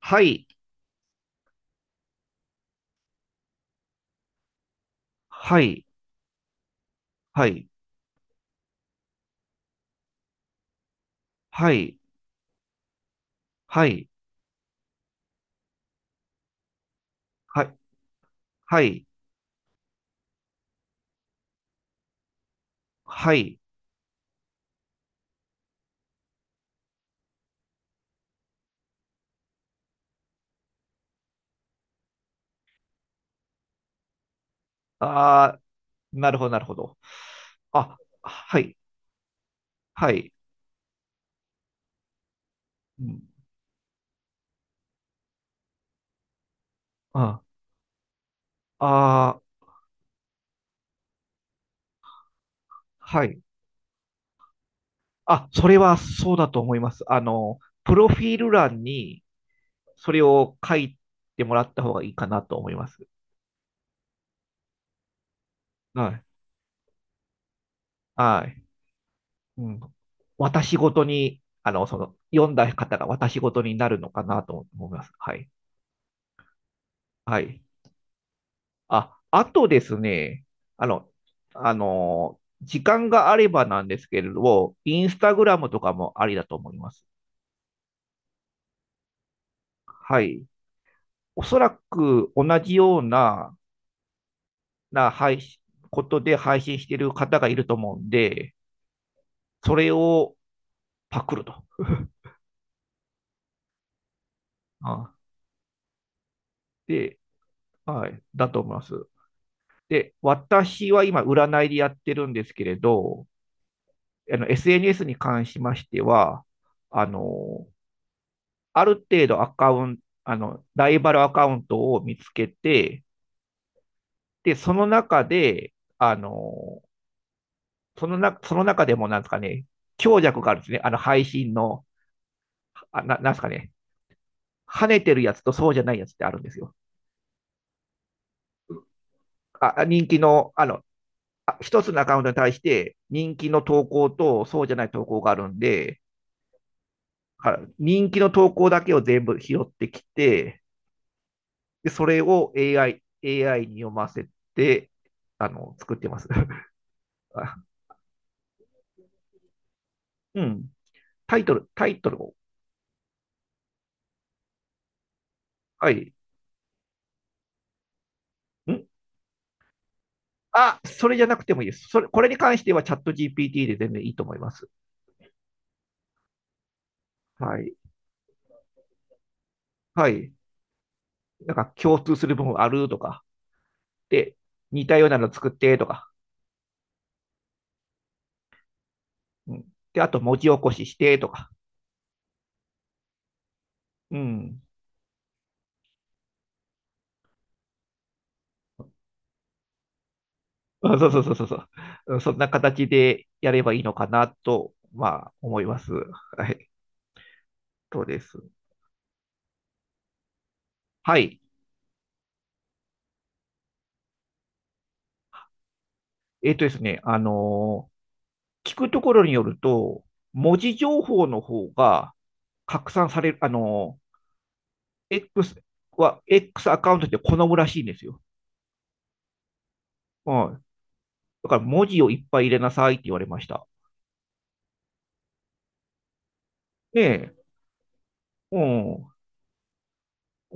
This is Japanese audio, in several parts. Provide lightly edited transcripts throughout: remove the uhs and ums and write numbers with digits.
はい、はい、はい、はい、はい、はい、はい、はい。ああ、なるほど、なるほど。あ、はい、はい。うん、ああー、はい。あ、それはそうだと思います。プロフィール欄にそれを書いてもらった方がいいかなと思います。はい。はい。うん。私ごとに、読んだ方が私ごとになるのかなと思います。はい。はい。あ、あとですね、あの、時間があればなんですけれど、インスタグラムとかもありだと思います。はい。おそらく同じような、な配信、ことで配信している方がいると思うんで、それをパクると。あで、はい、だと思います。で、私は今、占いでやってるんですけれど、あの SNS に関しましては、あの、ある程度アカウント、あの、ライバルアカウントを見つけて、で、その中で、あの、そのな、その中でもなんですかね、強弱があるんですね。あの、配信の、あななんですかね、跳ねてるやつとそうじゃないやつってあるんですよ。あ、人気の、あの、あ一つのアカウントに対して人気の投稿とそうじゃない投稿があるんで、あ人気の投稿だけを全部拾ってきて、で、それを AI に読ませて、作ってます。うん。タイトルを。はい。んそれじゃなくてもいいです。それ、これに関してはチャット GPT で全然いいと思います。はい。はい。なんか共通する部分あるとか、で、似たようなの作ってとか、うん。で、あと文字起こししてとか、うん。あそうそうそうそうそううん。そんな形でやればいいのかなと、まあ、思います。はい。そうです。はい。えっ、とですね、あのー聞くところによると、文字情報の方が拡散される、X X アカウントって好むらしいんですよ。うん。だから文字をいっぱい入れなさいって言われました。ねえ、うん、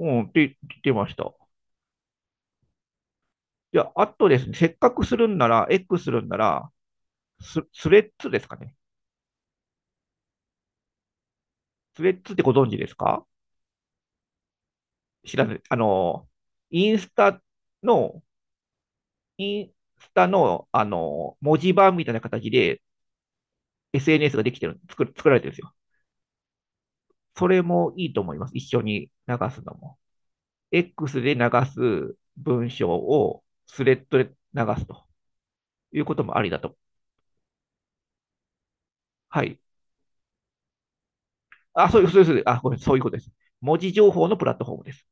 うん、って言ってました。じゃあ、あとですね、せっかくするんなら、X するんなら、スレッズですかね。スレッズってご存知ですか？知らない。インスタの、インスタの、あの、文字盤みたいな形で SNS ができてる、作る、作られてるんですよ。それもいいと思います。一緒に流すのも。X で流す文章をスレッドで流すということもありだと。はい。あ、そういう、そういう、そうあ、ごめん、そういうことです。文字情報のプラットフォームです。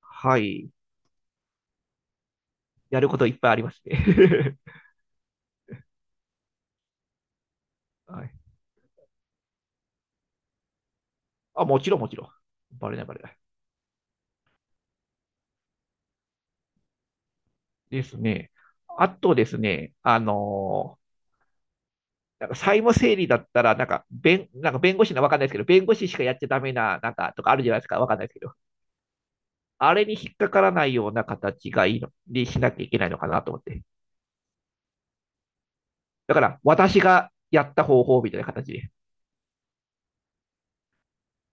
はい。やることいっぱいありますね。はい。あ、もちろん、もちろん。バレない、バレない。ですね。あとですね、なんか債務整理だったら、なんか弁護士のわかんないですけど、弁護士しかやっちゃダメな、なんかとかあるじゃないですか、わかんないですけど、あれに引っかからないような形がいいの、にしなきゃいけないのかなと思って。だから私がやった方法みたいな形で。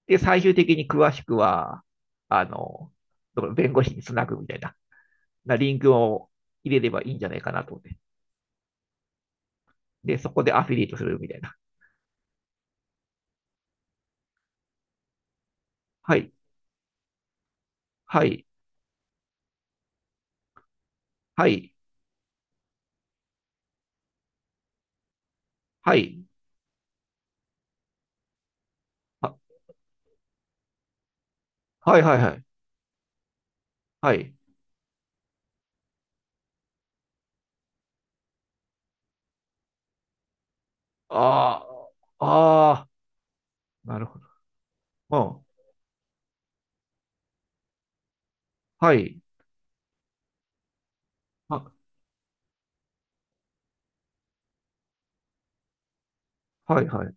で、最終的に詳しくは、あの、弁護士につなぐみたいな、なリンクを入れればいいんじゃないかなと思って。で、そこでアフィリエイトするみたいな。はい、はい、はい、はい、ははい、はい、はい、はい。ああ、ああ、なるほど。うん。はい、あ、はい、はい。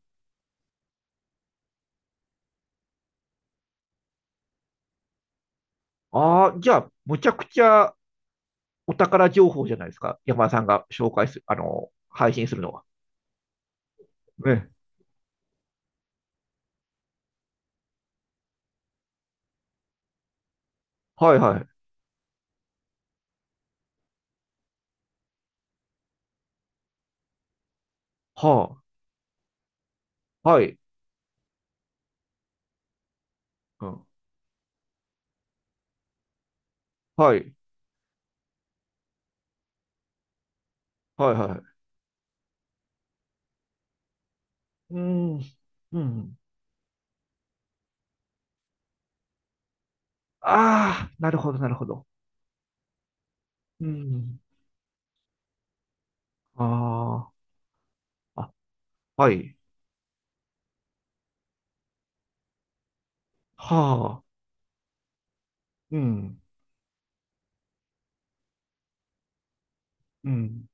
ああ、じゃあ、むちゃくちゃお宝情報じゃないですか。山田さんが紹介する、あの、配信するのは。ね。はい、はい。はあ。はい。うん。はい。はい。はい。うん。うん。ああ、なるほど、なるほど。うん。ああ、あ、はい。はあうん。うん。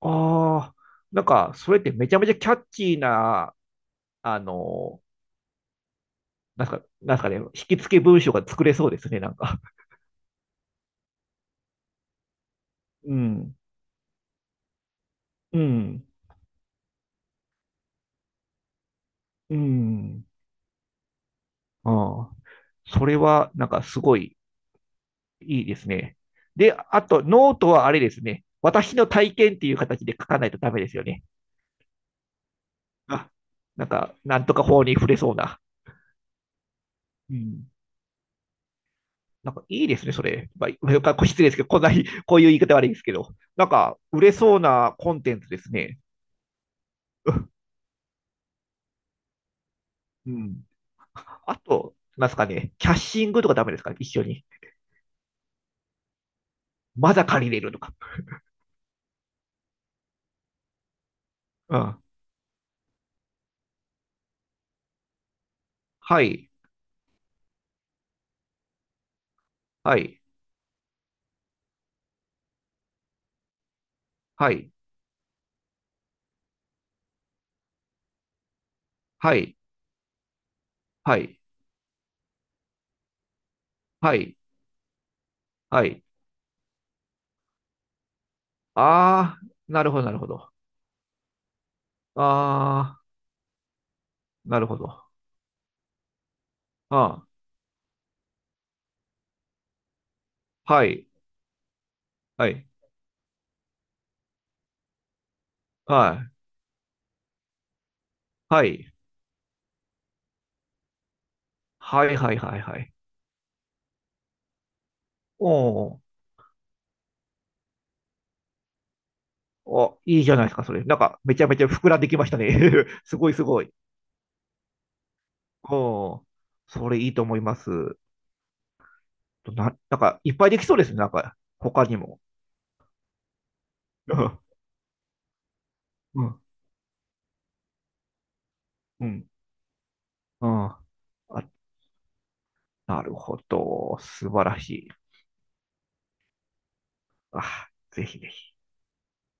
あ、ああなんか、それってめちゃめちゃキャッチーな、あの、なんか、なんすかね、引き付け文章が作れそうですね、なんか。うん。うん。うん。うん。それは、なんかすごいいいですね。で、あと、ノートはあれですね。私の体験っていう形で書かないとダメですよね。あなんか、なんとか法に触れそうな。うん。なんかいいですね、それ。まあ、失礼ですけど、こんなに、こういう言い方悪いですけど、なんか、売れそうなコンテンツですね。うん。あと、なんですかね、キャッシングとかダメですかね一緒に。まだ借りれるとか。うん。はい、はい、はい、はい、はい、はい、はい。あー、なるほど、なるほど。あーなるほど。ああ、はい、はい、はい、はい、はい、はい、はい、はい。おーお、いいじゃないですか、それ。なんか、めちゃめちゃ膨らんできましたね。すごい、すごい。おーそれいいと思います。なんか、いっぱいできそうですね、なんか、他にも。うん、うん、うん。うんあ、なるほど。素晴らしい。あ、ぜひぜひ。